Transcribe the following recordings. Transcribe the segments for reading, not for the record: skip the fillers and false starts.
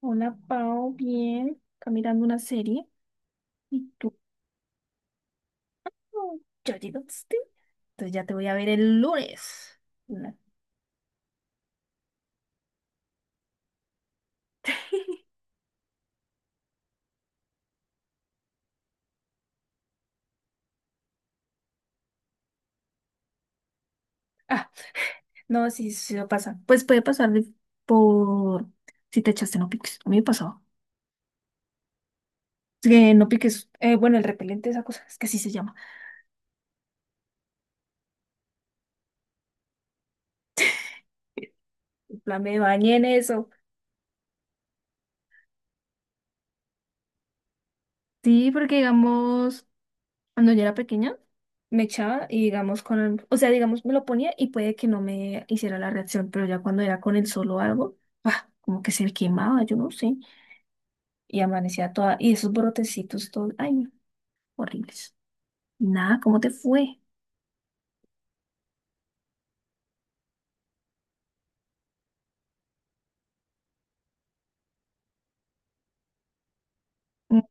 Hola, Pau, bien. Acá mirando una serie. ¿Y tú? Oh, ¿ya llegaste? Entonces ya te voy a ver el lunes. No. Ah, no, sí, sí, sí, pasa. Pues puede pasar por si te echaste no piques. A mí me pasó. Que no piques. Bueno, el repelente, esa cosa. Es que así se llama. En plan, me bañé en eso. Sí, porque digamos. Cuando yo era pequeña, me echaba y digamos o sea, digamos me lo ponía y puede que no me hiciera la reacción, pero ya cuando era con el solo algo, ¡pah!, como que se me quemaba, yo no sé, y amanecía toda, y esos brotecitos todos, ay, no, horribles. Nada, ¿cómo te fue? Mm,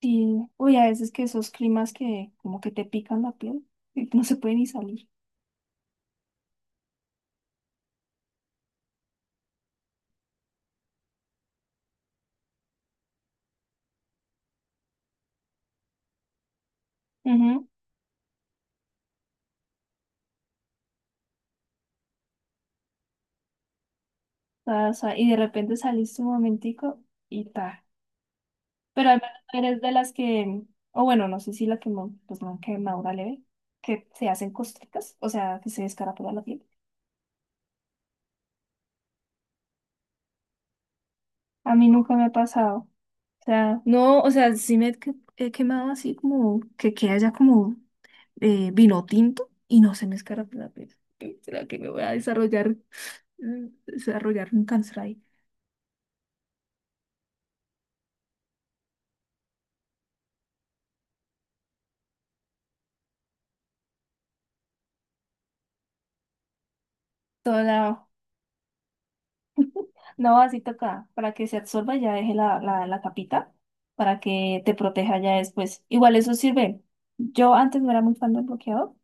sí, uy, a veces que esos climas que como que te pican la piel y no se puede ni salir. Ujú. O sea, y de repente saliste un momentico y ta. Pero al menos no eres de las que, o bueno, no sé si la quemó, pues no, quemadura leve, que se hacen costricas, o sea, que se descarapela la piel. A mí nunca me ha pasado. O sea, no, o sea, he quemado así como que queda ya como vino tinto y no se me escarapela la piel. ¿Será que me voy a desarrollar un cáncer ahí? Todo lado. No, así toca, para que se absorba ya deje la, la capita, para que te proteja ya después. Igual eso sirve. Yo antes no era muy fan del bloqueador,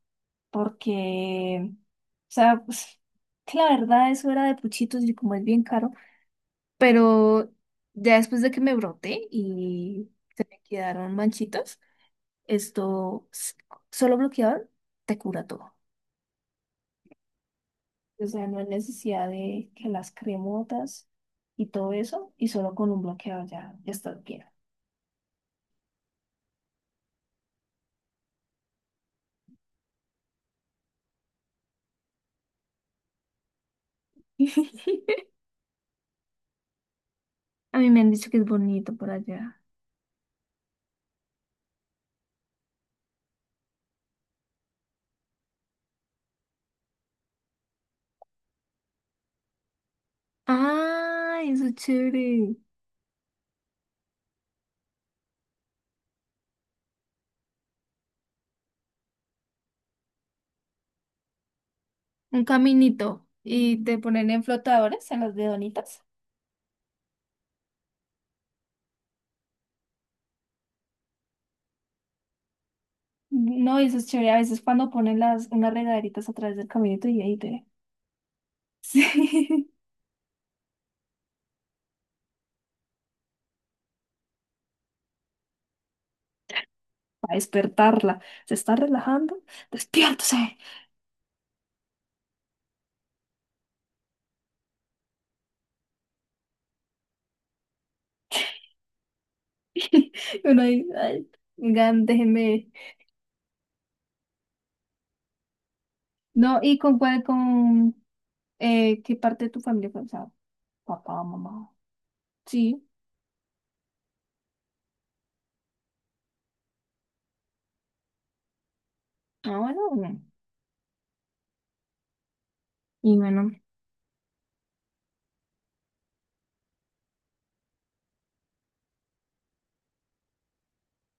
porque, o sea, pues, que la verdad eso era de puchitos y como es bien caro, pero ya después de que me broté y se me quedaron manchitas, esto, solo bloqueador te cura todo. O sea, no hay necesidad de que las cremotas y todo eso, y solo con un bloqueador ya, ya estás bien. A mí me han dicho que es bonito por allá. Ah, eso es chévere. Un caminito. Y te ponen en flotadores, en las dedonitas. No, eso es chévere. A veces cuando ponen las, unas regaderitas a través del caminito y ahí te. Sí. Para despertarla. Se está relajando. Despiértese. Y Uno ahí, ay, oigan, déjenme. No, ¿y con cuál, con qué parte de tu familia fue? O sea, papá, mamá. Sí. Ah, bueno. Mm. Y bueno.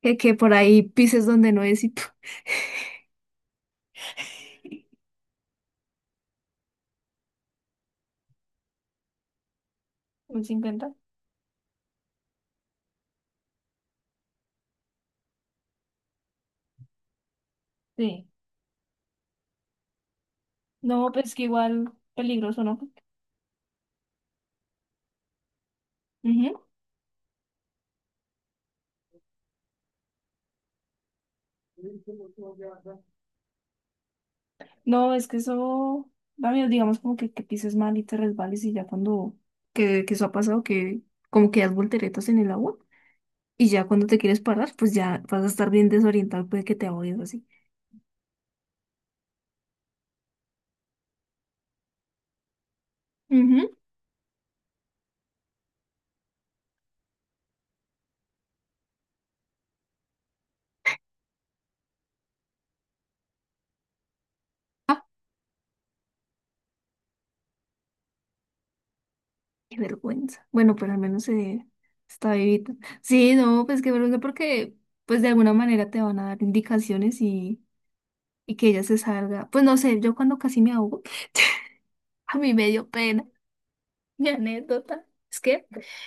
Que por ahí pises donde no es y ¡puf! ¿Un 50? Sí. No, pues que igual peligroso, ¿no? Ujú. No, es que eso da miedo, digamos, como que pises mal y te resbales y ya cuando, que eso ha pasado, que como que das volteretas en el agua y ya cuando te quieres parar, pues ya vas a estar bien desorientado, puede que te ahogues así. Ujú. Ah, qué vergüenza. Bueno, pero al menos está vivita. Sí, no, pues qué vergüenza porque pues de alguna manera te van a dar indicaciones y, que ella se salga. Pues no sé, yo cuando casi me ahogo, a mí me dio pena. Mi anécdota es que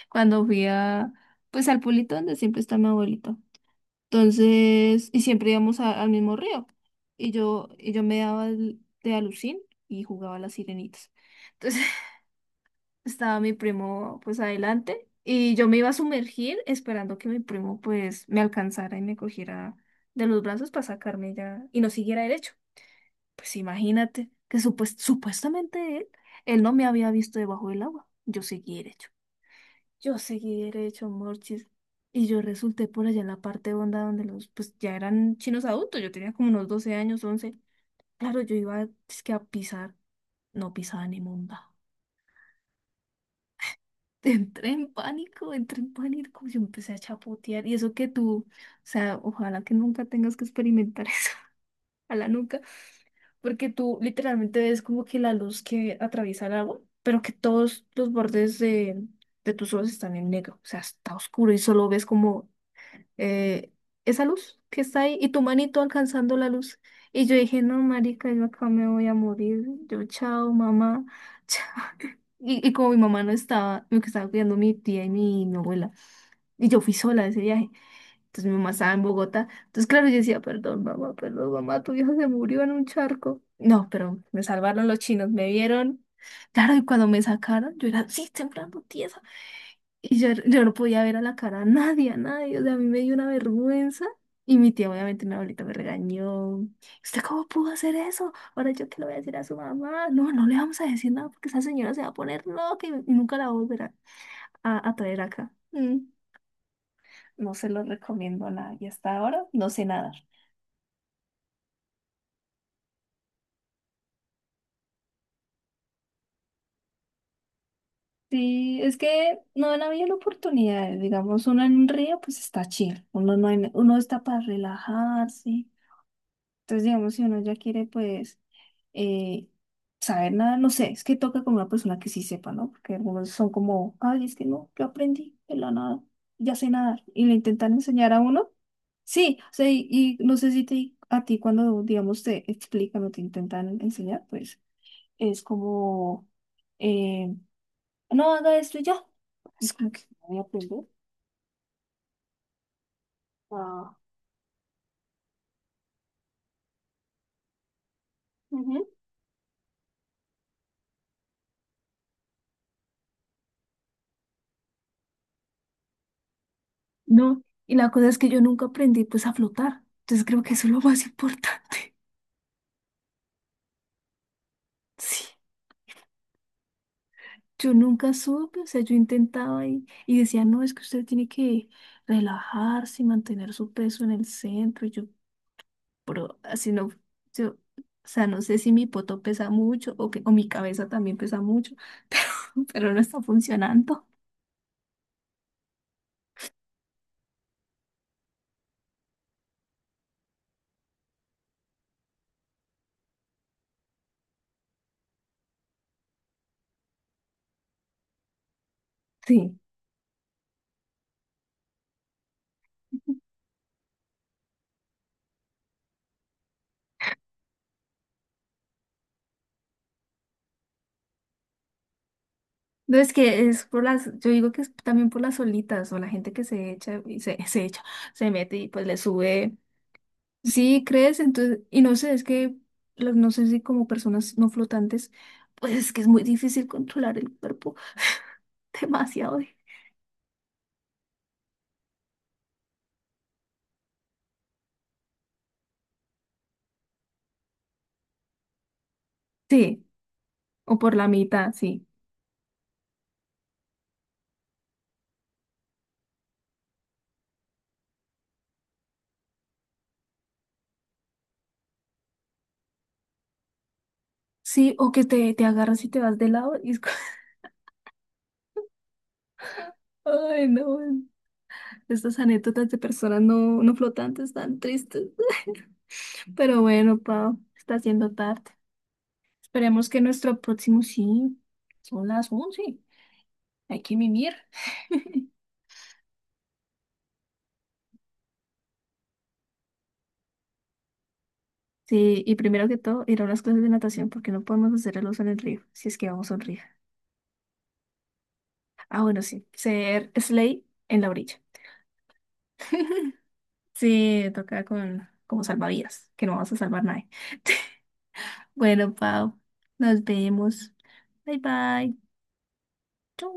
cuando fui a, pues al pueblito donde siempre está mi abuelito, entonces, y siempre íbamos al mismo río, y yo me daba de alucín y jugaba a las sirenitas. Entonces estaba mi primo pues adelante y yo me iba a sumergir esperando que mi primo pues me alcanzara y me cogiera de los brazos para sacarme ya y no siguiera derecho. Pues imagínate que supuestamente él no me había visto debajo del agua. Yo seguí derecho. Yo seguí derecho, Morchis. Y yo resulté por allá en la parte honda donde los, pues ya eran chinos adultos. Yo tenía como unos 12 años, 11. Claro, yo iba es que a pisar. No pisaba ni monda. Entré en pánico, entré en pánico. Yo empecé a chapotear. Y eso que tú, o sea, ojalá que nunca tengas que experimentar eso. A la nuca, porque tú literalmente ves como que la luz que atraviesa el agua, pero que todos los bordes de tus ojos están en negro, o sea, está oscuro y solo ves como eh, esa luz que está ahí y tu manito alcanzando la luz. Y yo dije, no, marica, yo acá me voy a morir, yo chao, mamá, chao. Y como mi mamá no estaba, me estaba cuidando mi tía y mi abuela, y yo fui sola a ese viaje. Entonces mi mamá estaba en Bogotá. Entonces, claro, yo decía, perdón, mamá, tu viejo se murió en un charco. No, pero me salvaron los chinos, me vieron. Claro, y cuando me sacaron, yo era así, temblando tiesa. Y yo no podía ver a la cara a nadie, a nadie. O sea, a mí me dio una vergüenza. Y mi tía, obviamente, mi abuelita me regañó. ¿Usted cómo pudo hacer eso? Ahora yo que le voy a decir a su mamá. No, no le vamos a decir nada porque esa señora se va a poner loca y nunca la va a volver a traer acá. Mm. No se los recomiendo a nadie. Y hasta ahora no sé nadar. Sí, es que no han habido la oportunidad. Digamos, uno en un río, pues está chill. Uno no hay- uno está para relajarse. Entonces, digamos, si uno ya quiere, pues, eh, saber nada, no sé, es que toca con una persona que sí sepa, ¿no? Porque algunos son como, ay, es que no, yo aprendí de la nada, ya sé nadar. Y le intentan enseñar a uno. Sí, o sea, y, no sé si te, a ti cuando, digamos, te explican o te intentan enseñar, pues es como, eh, no haga esto y ya. Es como que no voy a aprender. Ah, ujú. No, y la cosa es que yo nunca aprendí pues a flotar. Entonces creo que eso es lo más importante. Sí, yo nunca supe, o sea, yo intentaba y, decía, no, es que usted tiene que relajarse y mantener su peso en el centro. Y yo, pero así no, yo, o sea, no sé si mi poto pesa mucho o, que, o mi cabeza también pesa mucho, pero no está funcionando. Sí. No, es que es por las, yo digo que es también por las solitas o la gente que se echa y se, se echa, se mete y pues le sube. Sí, crees, entonces, y no sé, es que no sé si como personas no flotantes, pues es que es muy difícil controlar el cuerpo, demasiado. Sí, o por la mitad, sí. Sí, o que te agarras y te vas de lado y es Ay, no. Estas anécdotas de personas no flotantes tan tristes. Pero bueno, Pau, está haciendo tarde. Esperemos que nuestro próximo sí. Son las 11. Hay que mimir. Sí, y primero que todo, ir a unas clases de natación porque no podemos hacer el oso en el río, si es que vamos a un río. Ah, bueno, sí, ser Slay en la orilla. Sí, toca con como salvavidas, que no vamos a salvar nadie. Bueno, Pau, nos vemos. Bye bye. Chau.